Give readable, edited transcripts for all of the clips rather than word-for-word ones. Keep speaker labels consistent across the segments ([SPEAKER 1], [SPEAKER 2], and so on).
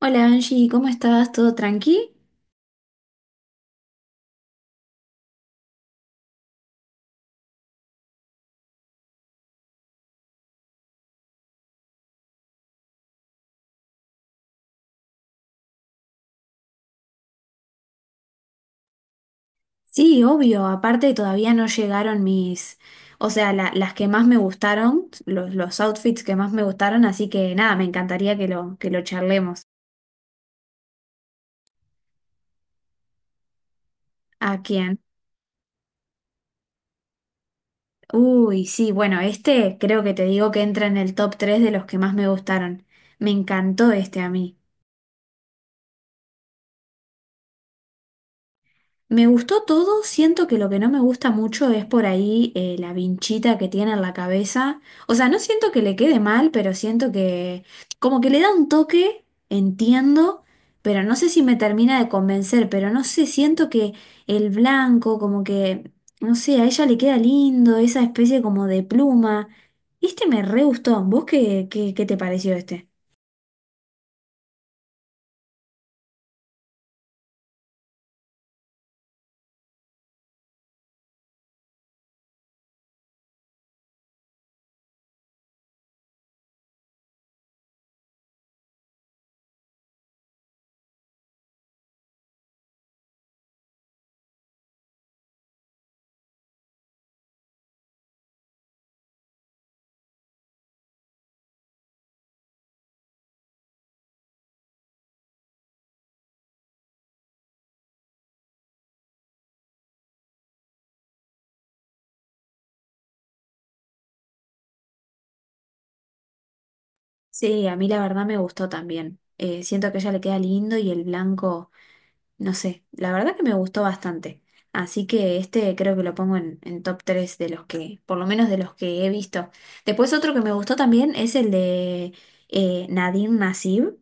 [SPEAKER 1] Hola Angie, ¿cómo estás? ¿Todo tranqui? Sí, obvio, aparte todavía no llegaron o sea, las que más me gustaron, los outfits que más me gustaron, así que nada, me encantaría que que lo charlemos. ¿A quién? Uy, sí, bueno, este creo que te digo que entra en el top 3 de los que más me gustaron. Me encantó este a mí. Me gustó todo, siento que lo que no me gusta mucho es por ahí la vinchita que tiene en la cabeza. O sea, no siento que le quede mal, pero siento que como que le da un toque, entiendo, pero no sé si me termina de convencer, pero no sé, siento que el blanco no sé, a ella le queda lindo, esa especie como de pluma. Este me re gustó, ¿vos qué te pareció este? Sí, a mí la verdad me gustó también. Siento que a ella le queda lindo y el blanco. No sé, la verdad que me gustó bastante. Así que este creo que lo pongo en top 3 de los que, por lo menos de los que he visto. Después otro que me gustó también es el de Nadim Nasib.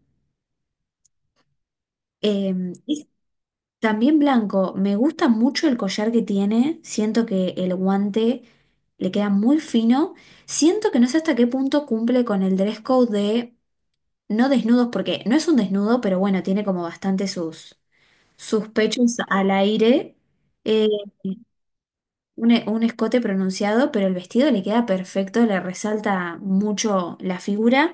[SPEAKER 1] Eh, es también blanco. Me gusta mucho el collar que tiene. Siento que el guante le queda muy fino. Siento que no sé hasta qué punto cumple con el dress code de no desnudos, porque no es un desnudo, pero bueno, tiene como bastante sus pechos al aire. Eh, Un, un escote pronunciado, pero el vestido le queda perfecto, le resalta mucho la figura.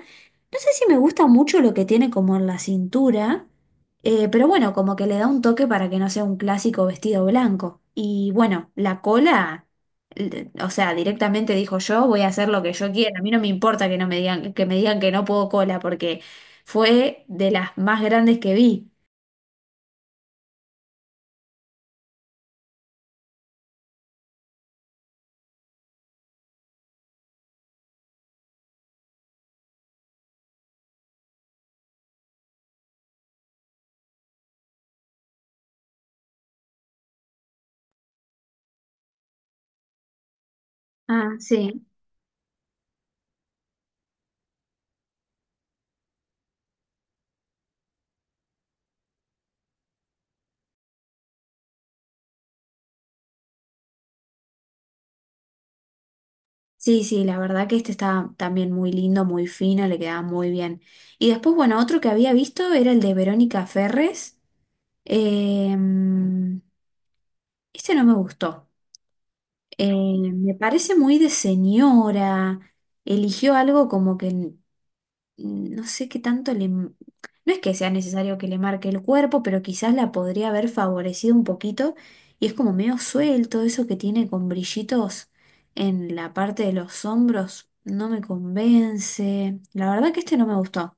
[SPEAKER 1] No sé si me gusta mucho lo que tiene como en la cintura, pero bueno, como que le da un toque para que no sea un clásico vestido blanco. Y bueno, la cola, o sea, directamente dijo yo, voy a hacer lo que yo quiera. A mí no me importa que no me digan, que me digan que no puedo cola, porque fue de las más grandes que vi. Ah, sí. Sí, sí, la verdad que este está también muy lindo, muy fino, le quedaba muy bien. Y después, bueno, otro que había visto era el de Verónica Ferres. Eh, este no me gustó. Me parece muy de señora. Eligió algo como que no sé qué tanto le. No es que sea necesario que le marque el cuerpo, pero quizás la podría haber favorecido un poquito. Y es como medio suelto, eso que tiene con brillitos en la parte de los hombros, no me convence. La verdad que este no me gustó.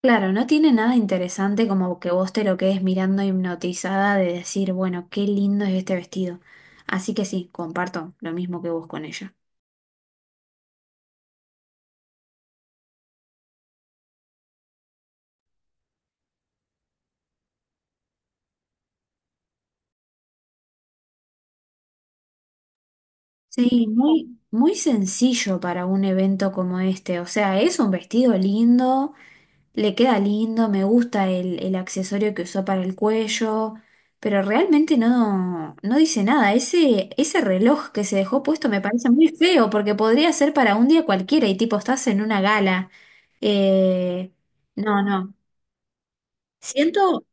[SPEAKER 1] Claro, no tiene nada interesante como que vos te lo quedes mirando hipnotizada de decir, bueno, qué lindo es este vestido. Así que sí, comparto lo mismo que vos con ella. Sí, muy, muy sencillo para un evento como este. O sea, es un vestido lindo, le queda lindo, me gusta el accesorio que usó para el cuello, pero realmente no, no dice nada. Ese reloj que se dejó puesto me parece muy feo porque podría ser para un día cualquiera y tipo estás en una gala. Eh, no, no. Siento,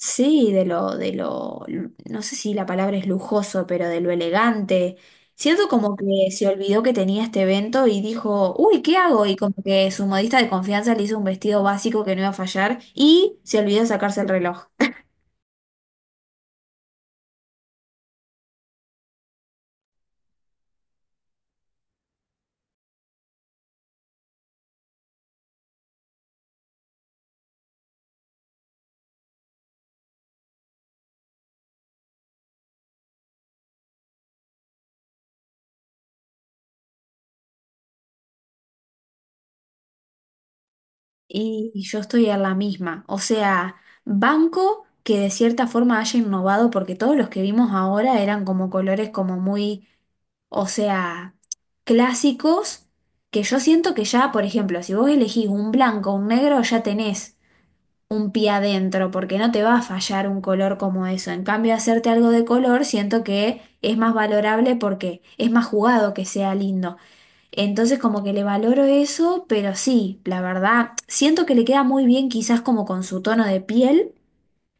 [SPEAKER 1] sí, de lo, no sé si la palabra es lujoso, pero de lo elegante. Siento como que se olvidó que tenía este evento y dijo, uy, ¿qué hago? Y como que su modista de confianza le hizo un vestido básico que no iba a fallar y se olvidó de sacarse el reloj. Y yo estoy en la misma. O sea, banco que de cierta forma haya innovado porque todos los que vimos ahora eran como colores como muy, o sea, clásicos, que yo siento que ya, por ejemplo, si vos elegís un blanco o un negro, ya tenés un pie adentro, porque no te va a fallar un color como eso. En cambio, hacerte algo de color, siento que es más valorable porque es más jugado que sea lindo. Entonces, como que le valoro eso, pero sí, la verdad, siento que le queda muy bien quizás como con su tono de piel,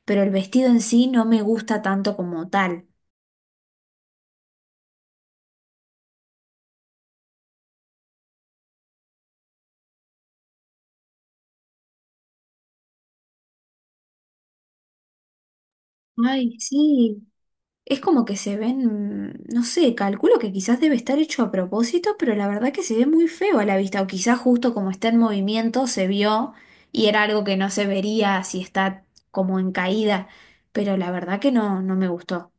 [SPEAKER 1] pero el vestido en sí no me gusta tanto como tal. Ay, sí. Es como que se ven, no sé, calculo que quizás debe estar hecho a propósito, pero la verdad que se ve muy feo a la vista, o quizás justo como está en movimiento se vio y era algo que no se vería si está como en caída, pero la verdad que no, no me gustó.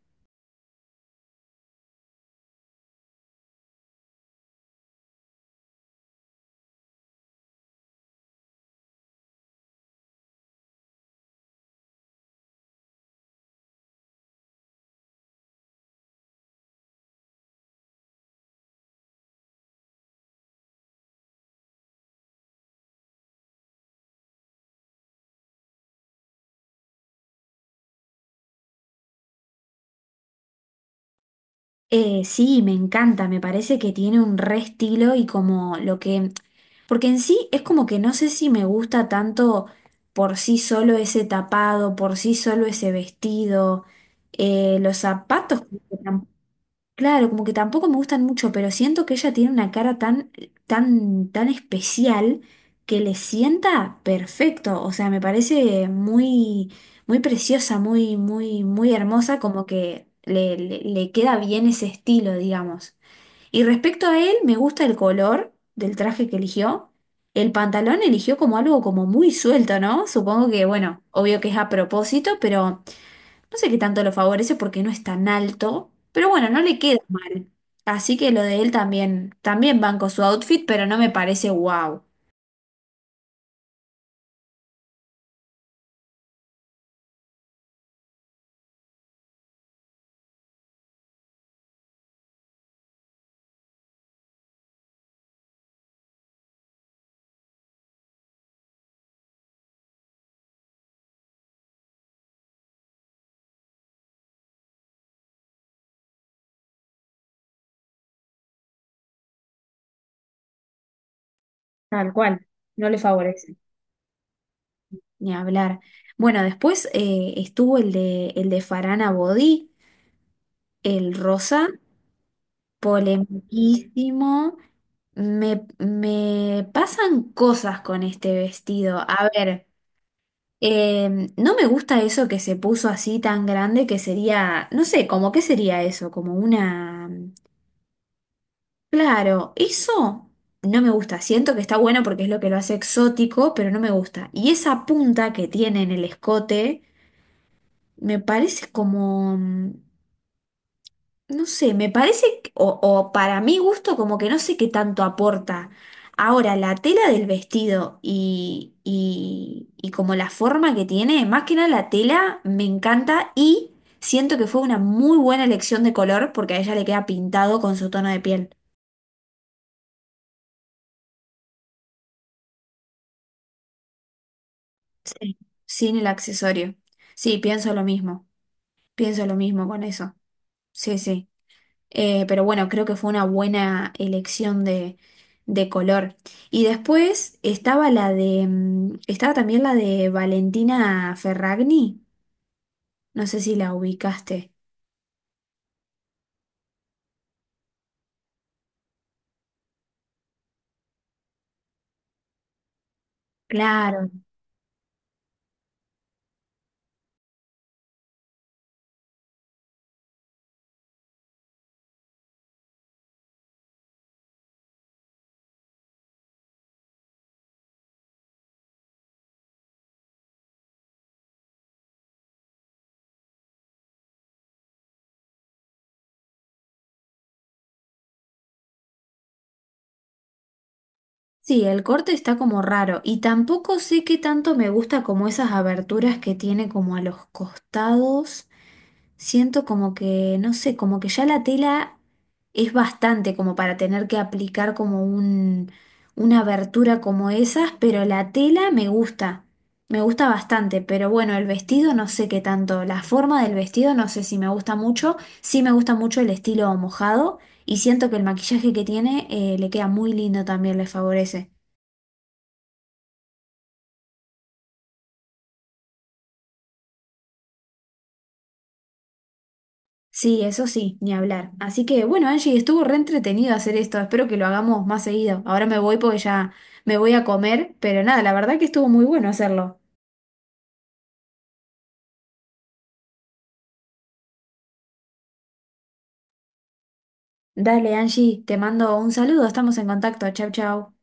[SPEAKER 1] Sí, me encanta, me parece que tiene un re estilo y como lo que, porque en sí es como que no sé si me gusta tanto por sí solo ese tapado, por sí solo ese vestido, los zapatos. Claro, como que tampoco me gustan mucho, pero siento que ella tiene una cara tan especial que le sienta perfecto. O sea, me parece muy, muy preciosa, muy, muy, muy hermosa, como que le queda bien ese estilo, digamos. Y respecto a él, me gusta el color del traje que eligió. El pantalón eligió como algo como muy suelto, ¿no? Supongo que, bueno, obvio que es a propósito, pero no sé qué tanto lo favorece porque no es tan alto, pero bueno, no le queda mal. Así que lo de él también, también banco su outfit, pero no me parece wow. Tal cual, no le favorece. Ni hablar. Bueno, después estuvo el de Farana Bodhi, el rosa, polemiquísimo. Me pasan cosas con este vestido. A ver. No me gusta eso que se puso así tan grande que sería, no sé, como qué sería eso, como una. Claro, eso no me gusta. Siento que está bueno porque es lo que lo hace exótico, pero no me gusta. Y esa punta que tiene en el escote me parece como, no sé, me parece, o para mi gusto, como que no sé qué tanto aporta. Ahora, la tela del vestido y como la forma que tiene, más que nada la tela, me encanta y siento que fue una muy buena elección de color porque a ella le queda pintado con su tono de piel. Sí. Sin el accesorio. Sí, pienso lo mismo. Pienso lo mismo con eso. Sí, sí. Pero bueno, creo que fue una buena elección de color. Y después estaba la de, estaba también la de Valentina Ferragni. No sé si la ubicaste. Claro. Sí, el corte está como raro. Y tampoco sé qué tanto me gusta como esas aberturas que tiene como a los costados. Siento como que, no sé, como que ya la tela es bastante como para tener que aplicar como una abertura como esas, pero la tela me gusta bastante, pero bueno, el vestido no sé qué tanto, la forma del vestido no sé si me gusta mucho, sí me gusta mucho el estilo mojado y siento que el maquillaje que tiene le queda muy lindo también, le favorece. Sí, eso sí, ni hablar. Así que bueno, Angie, estuvo re entretenido hacer esto. Espero que lo hagamos más seguido. Ahora me voy porque ya me voy a comer, pero nada, la verdad que estuvo muy bueno hacerlo. Dale, Angie, te mando un saludo, estamos en contacto. Chau, chau.